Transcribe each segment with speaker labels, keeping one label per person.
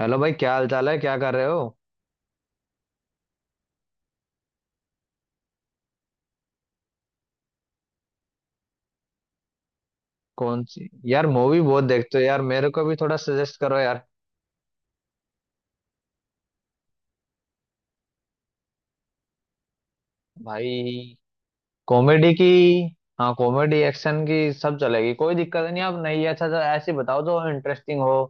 Speaker 1: Hello भाई, क्या हाल चाल है? क्या कर रहे हो? कौन सी यार? मूवी बहुत देखते हो यार, मेरे को भी थोड़ा सजेस्ट करो यार। भाई, कॉमेडी की। हाँ, कॉमेडी एक्शन की सब चलेगी, कोई दिक्कत नहीं। आप नहीं, अच्छा, तो ऐसी बताओ जो इंटरेस्टिंग हो।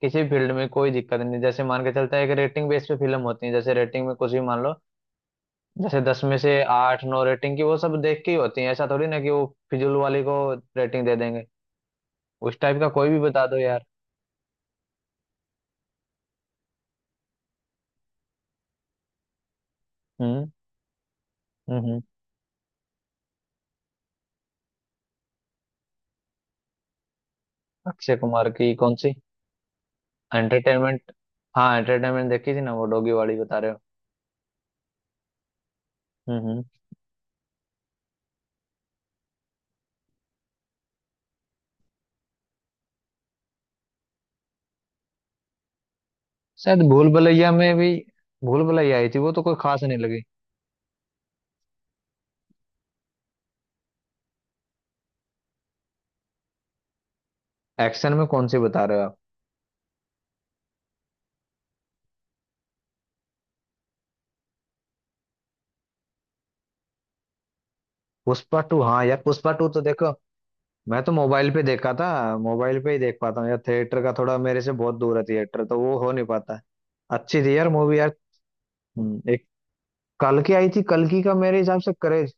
Speaker 1: किसी फील्ड में कोई दिक्कत नहीं। जैसे मान के चलता है कि रेटिंग बेस पे फिल्म होती है, जैसे रेटिंग में कुछ भी मान लो। जैसे 10 में से 8-9 रेटिंग की, वो सब देख के ही होती है। ऐसा थोड़ी ना कि वो फिजूल वाली को रेटिंग दे देंगे। उस टाइप का कोई भी बता दो यार। हम्म, हम्म, अक्षय कुमार की कौन सी? एंटरटेनमेंट? हाँ, एंटरटेनमेंट देखी थी ना, वो डॉगी वाली बता रहे हो? हम्म हम्म शायद भूल भुलैया में भी, भूल भुलैया आई थी वो तो कोई खास नहीं लगी। एक्शन में कौन सी बता रहे हो आप? पुष्पा टू, हाँ यार पुष्पा टू तो देखो। मैं तो मोबाइल पे देखा था। मोबाइल पे ही देख पाता हूँ यार, थिएटर का थोड़ा मेरे से बहुत दूर है, थिएटर तो वो हो नहीं पाता है। अच्छी थी यार मूवी यार। एक कल की आई थी, कल की का मेरे हिसाब से करेज।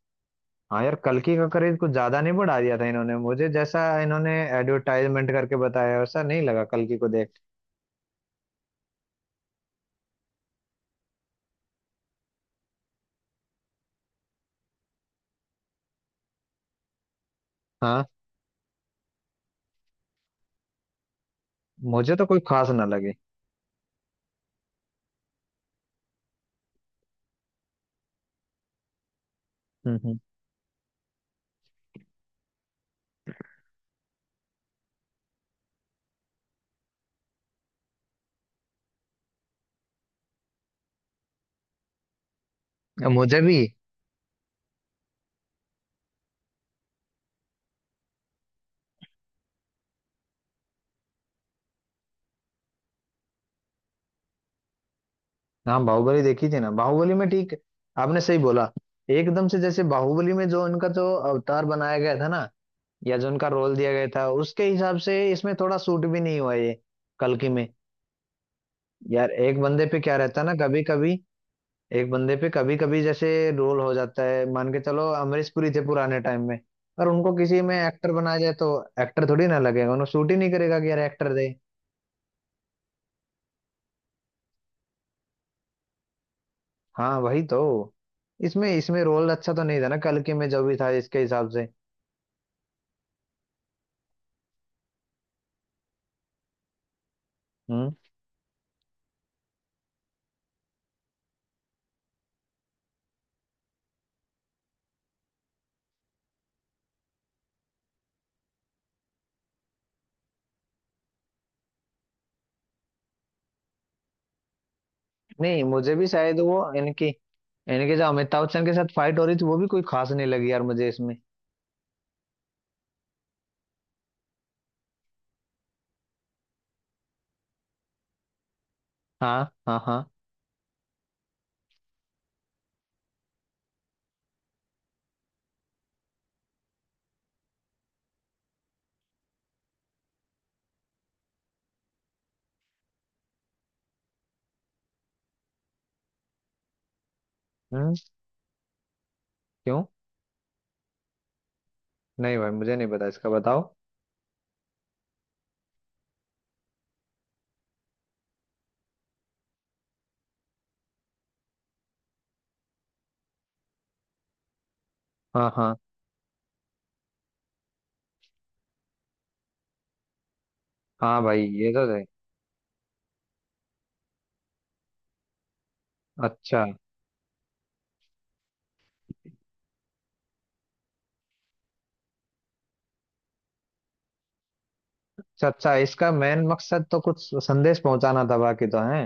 Speaker 1: हाँ यार, कल की का करेज कुछ ज्यादा नहीं, बढ़ा दिया था इन्होंने मुझे, जैसा इन्होंने एडवर्टाइजमेंट करके बताया वैसा नहीं लगा कल की को देख। हाँ, मुझे तो कोई खास ना लगी। हम्म मुझे भी। हाँ, बाहुबली देखी थी ना, बाहुबली में ठीक। आपने सही बोला। एकदम से जैसे बाहुबली में जो उनका जो अवतार बनाया गया था ना, या जो उनका रोल दिया गया था, उसके हिसाब से इसमें थोड़ा सूट भी नहीं हुआ ये कल्कि में। यार एक बंदे पे क्या रहता है ना कभी कभी। एक बंदे पे कभी कभी जैसे रोल हो जाता है, मान के चलो अमरीश पुरी थे पुराने टाइम में, पर उनको किसी में एक्टर बनाया जाए तो एक्टर थोड़ी ना लगेगा, उन्हें सूट ही नहीं करेगा कि यार एक्टर। हाँ वही तो, इसमें इसमें रोल अच्छा तो नहीं था ना, कल के में जो भी था इसके हिसाब से। हम्म। नहीं मुझे भी शायद वो इनकी इनके जो अमिताभ बच्चन के साथ फाइट हो रही थी वो भी कोई खास नहीं लगी यार मुझे इसमें। हाँ, हाँ, हाँ। हम्म क्यों? नहीं भाई, मुझे नहीं पता, इसका बताओ। हाँ, हाँ, हाँ भाई, ये तो है। अच्छा, अच्छा, अच्छा, इसका मेन मकसद तो कुछ संदेश पहुंचाना था, बाकी तो है।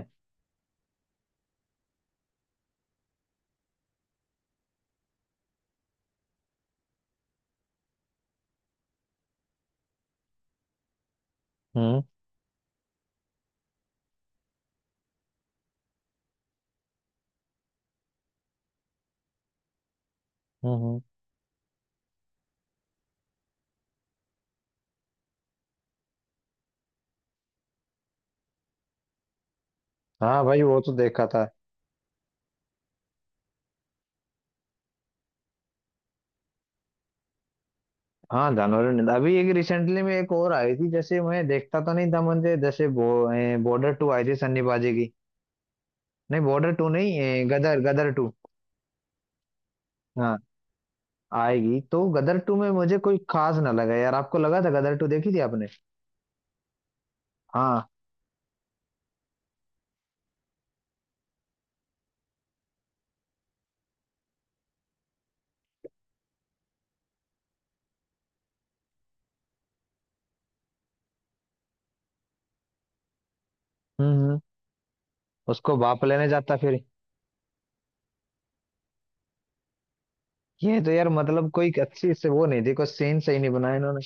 Speaker 1: हम्म, हम्म, हाँ भाई, वो तो देखा था। हाँ जानवरों ने, अभी एक रिसेंटली में एक और आई थी, जैसे मैं देखता तो नहीं था मुझे जैसे बॉर्डर टू आई थी सन्नीबाजी की। नहीं बॉर्डर टू नहीं, ए, गदर गदर टू। हाँ, आएगी तो गदर टू में मुझे कोई खास ना लगा यार, आपको लगा था? गदर टू देखी थी आपने? हाँ। हम्म हम्म उसको बाप लेने जाता फिर। ये तो यार मतलब कोई अच्छी से वो नहीं थी, कोई सीन सही नहीं बनाया इन्होंने।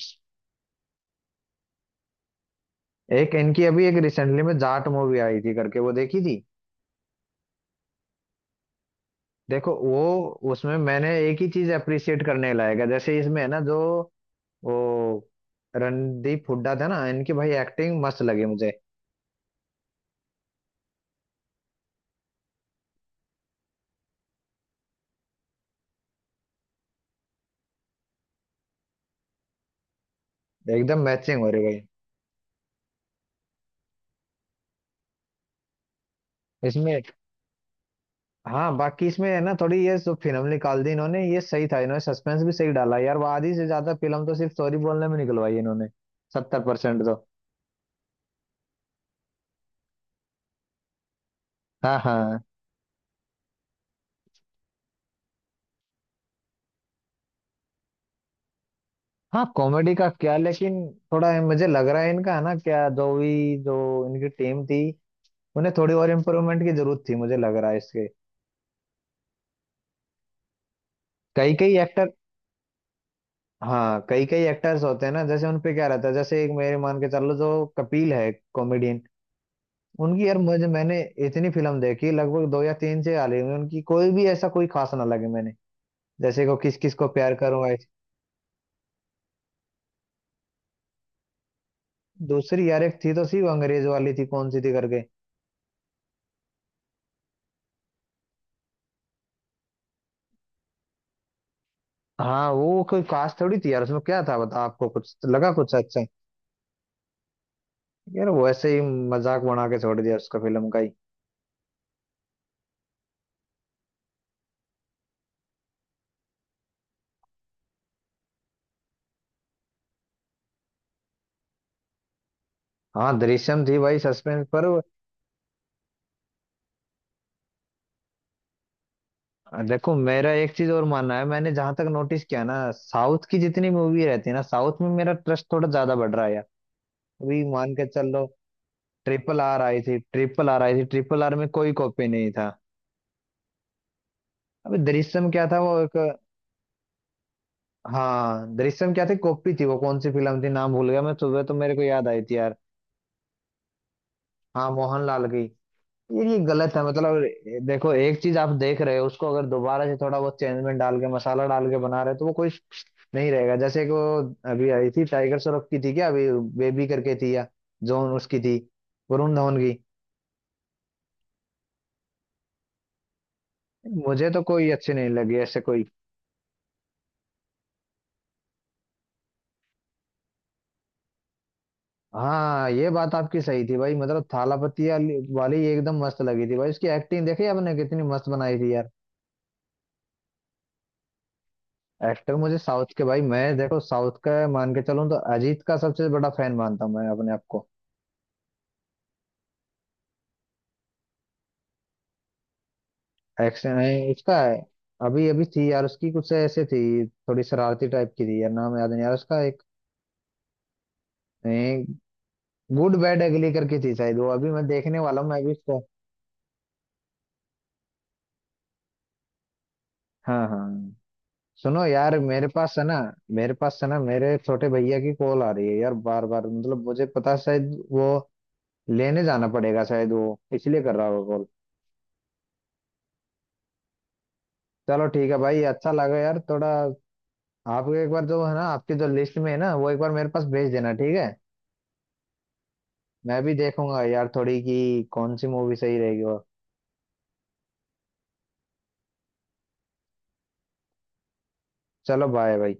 Speaker 1: एक इनकी अभी एक रिसेंटली में जाट मूवी आई थी करके, वो देखी थी। देखो वो, उसमें मैंने एक ही चीज अप्रिशिएट करने लायक है जैसे इसमें है ना जो, वो रणदीप हुड्डा था ना, इनकी भाई एक्टिंग मस्त लगी मुझे। एकदम मैचिंग हो रही भाई। इसमें। हाँ बाकी इसमें है ना थोड़ी, ये जो फिल्म निकाल दी इन्होंने ये सही था, इन्होंने सस्पेंस भी सही डाला यार, वो आधी से ज्यादा फिल्म तो सिर्फ स्टोरी बोलने में निकलवाई इन्होंने। 70% तो। हाँ, हाँ, हाँ, कॉमेडी का क्या लेकिन। थोड़ा मुझे लग रहा है इनका है ना, क्या जो भी जो इनकी टीम थी, उन्हें थोड़ी और इम्प्रूवमेंट की जरूरत थी मुझे लग रहा है इसके। कई कई एक्टर। हाँ, कई कई एक्टर्स होते हैं ना जैसे उनपे क्या रहता है, जैसे एक मेरे मान के चल लो जो कपिल है, कॉमेडियन। उनकी यार मुझे, मैंने इतनी फिल्म देखी, लगभग दो या तीन से आ रही होंगी उनकी, कोई भी ऐसा कोई खास ना लगे मैंने। जैसे को किस किस को प्यार करूंगा ऐसी। दूसरी यार, एक थी तो सी वो अंग्रेज वाली थी, कौन सी थी करके। हाँ, वो कोई खास थोड़ी थी यार, उसमें क्या था बता, आपको कुछ लगा कुछ अच्छा? यार वो ऐसे ही मजाक बना के छोड़ दिया उसका, फिल्म का ही। हाँ, दृश्यम थी भाई, सस्पेंस पर। देखो, मेरा एक चीज और मानना है, मैंने जहां तक नोटिस किया ना, साउथ की जितनी मूवी रहती है ना, साउथ में मेरा ट्रस्ट थोड़ा ज्यादा बढ़ रहा है यार। अभी मान के चल लो, ट्रिपल आर आई थी, ट्रिपल आर में कोई कॉपी नहीं था। अबे दृश्यम क्या था वो एक। हाँ, दृश्यम क्या थी? कॉपी थी वो, कौन सी फिल्म थी नाम भूल गया मैं, सुबह तो मेरे को याद आई थी यार। हाँ, मोहनलाल की। यार ये गलत है मतलब, देखो एक चीज, आप देख रहे हो उसको अगर दोबारा से थोड़ा बहुत चेंज में डाल के मसाला डाल के बना रहे हो, तो वो कोई नहीं रहेगा। जैसे कि वो अभी आई थी टाइगर श्रॉफ की थी क्या अभी, बेबी करके थी या जोन, उसकी थी वरुण धवन की। मुझे तो कोई अच्छी नहीं लगी, ऐसे कोई। हाँ ये बात आपकी सही थी भाई, मतलब थालापति वाली वाली एकदम मस्त लगी थी भाई, उसकी एक्टिंग देखी आपने कितनी मस्त बनाई थी यार। एक्टर मुझे साउथ के भाई, मैं देखो साउथ का मान के चलूं तो अजीत का सबसे बड़ा फैन मानता हूं मैं अपने आप को। एक्शन है इसका है। अभी अभी थी यार उसकी कुछ ऐसे थी, थोड़ी शरारती टाइप की थी यार, नाम याद नहीं यार उसका एक। गुड बैड अगली करके थी शायद वो, अभी मैं देखने वाला हूँ मैं अभी उसको। हाँ, हाँ, हाँ। सुनो यार, मेरे पास है ना, मेरे छोटे भैया की कॉल आ रही है यार बार बार, मतलब मुझे पता है शायद वो लेने जाना पड़ेगा, शायद वो इसलिए कर रहा होगा कॉल। चलो ठीक है भाई, अच्छा लगा यार थोड़ा। आप एक बार जो है ना, आपकी जो लिस्ट में है ना वो एक बार मेरे पास भेज देना, ठीक है? मैं भी देखूंगा यार थोड़ी कि कौन सी मूवी सही रहेगी, और चलो बाय भाई।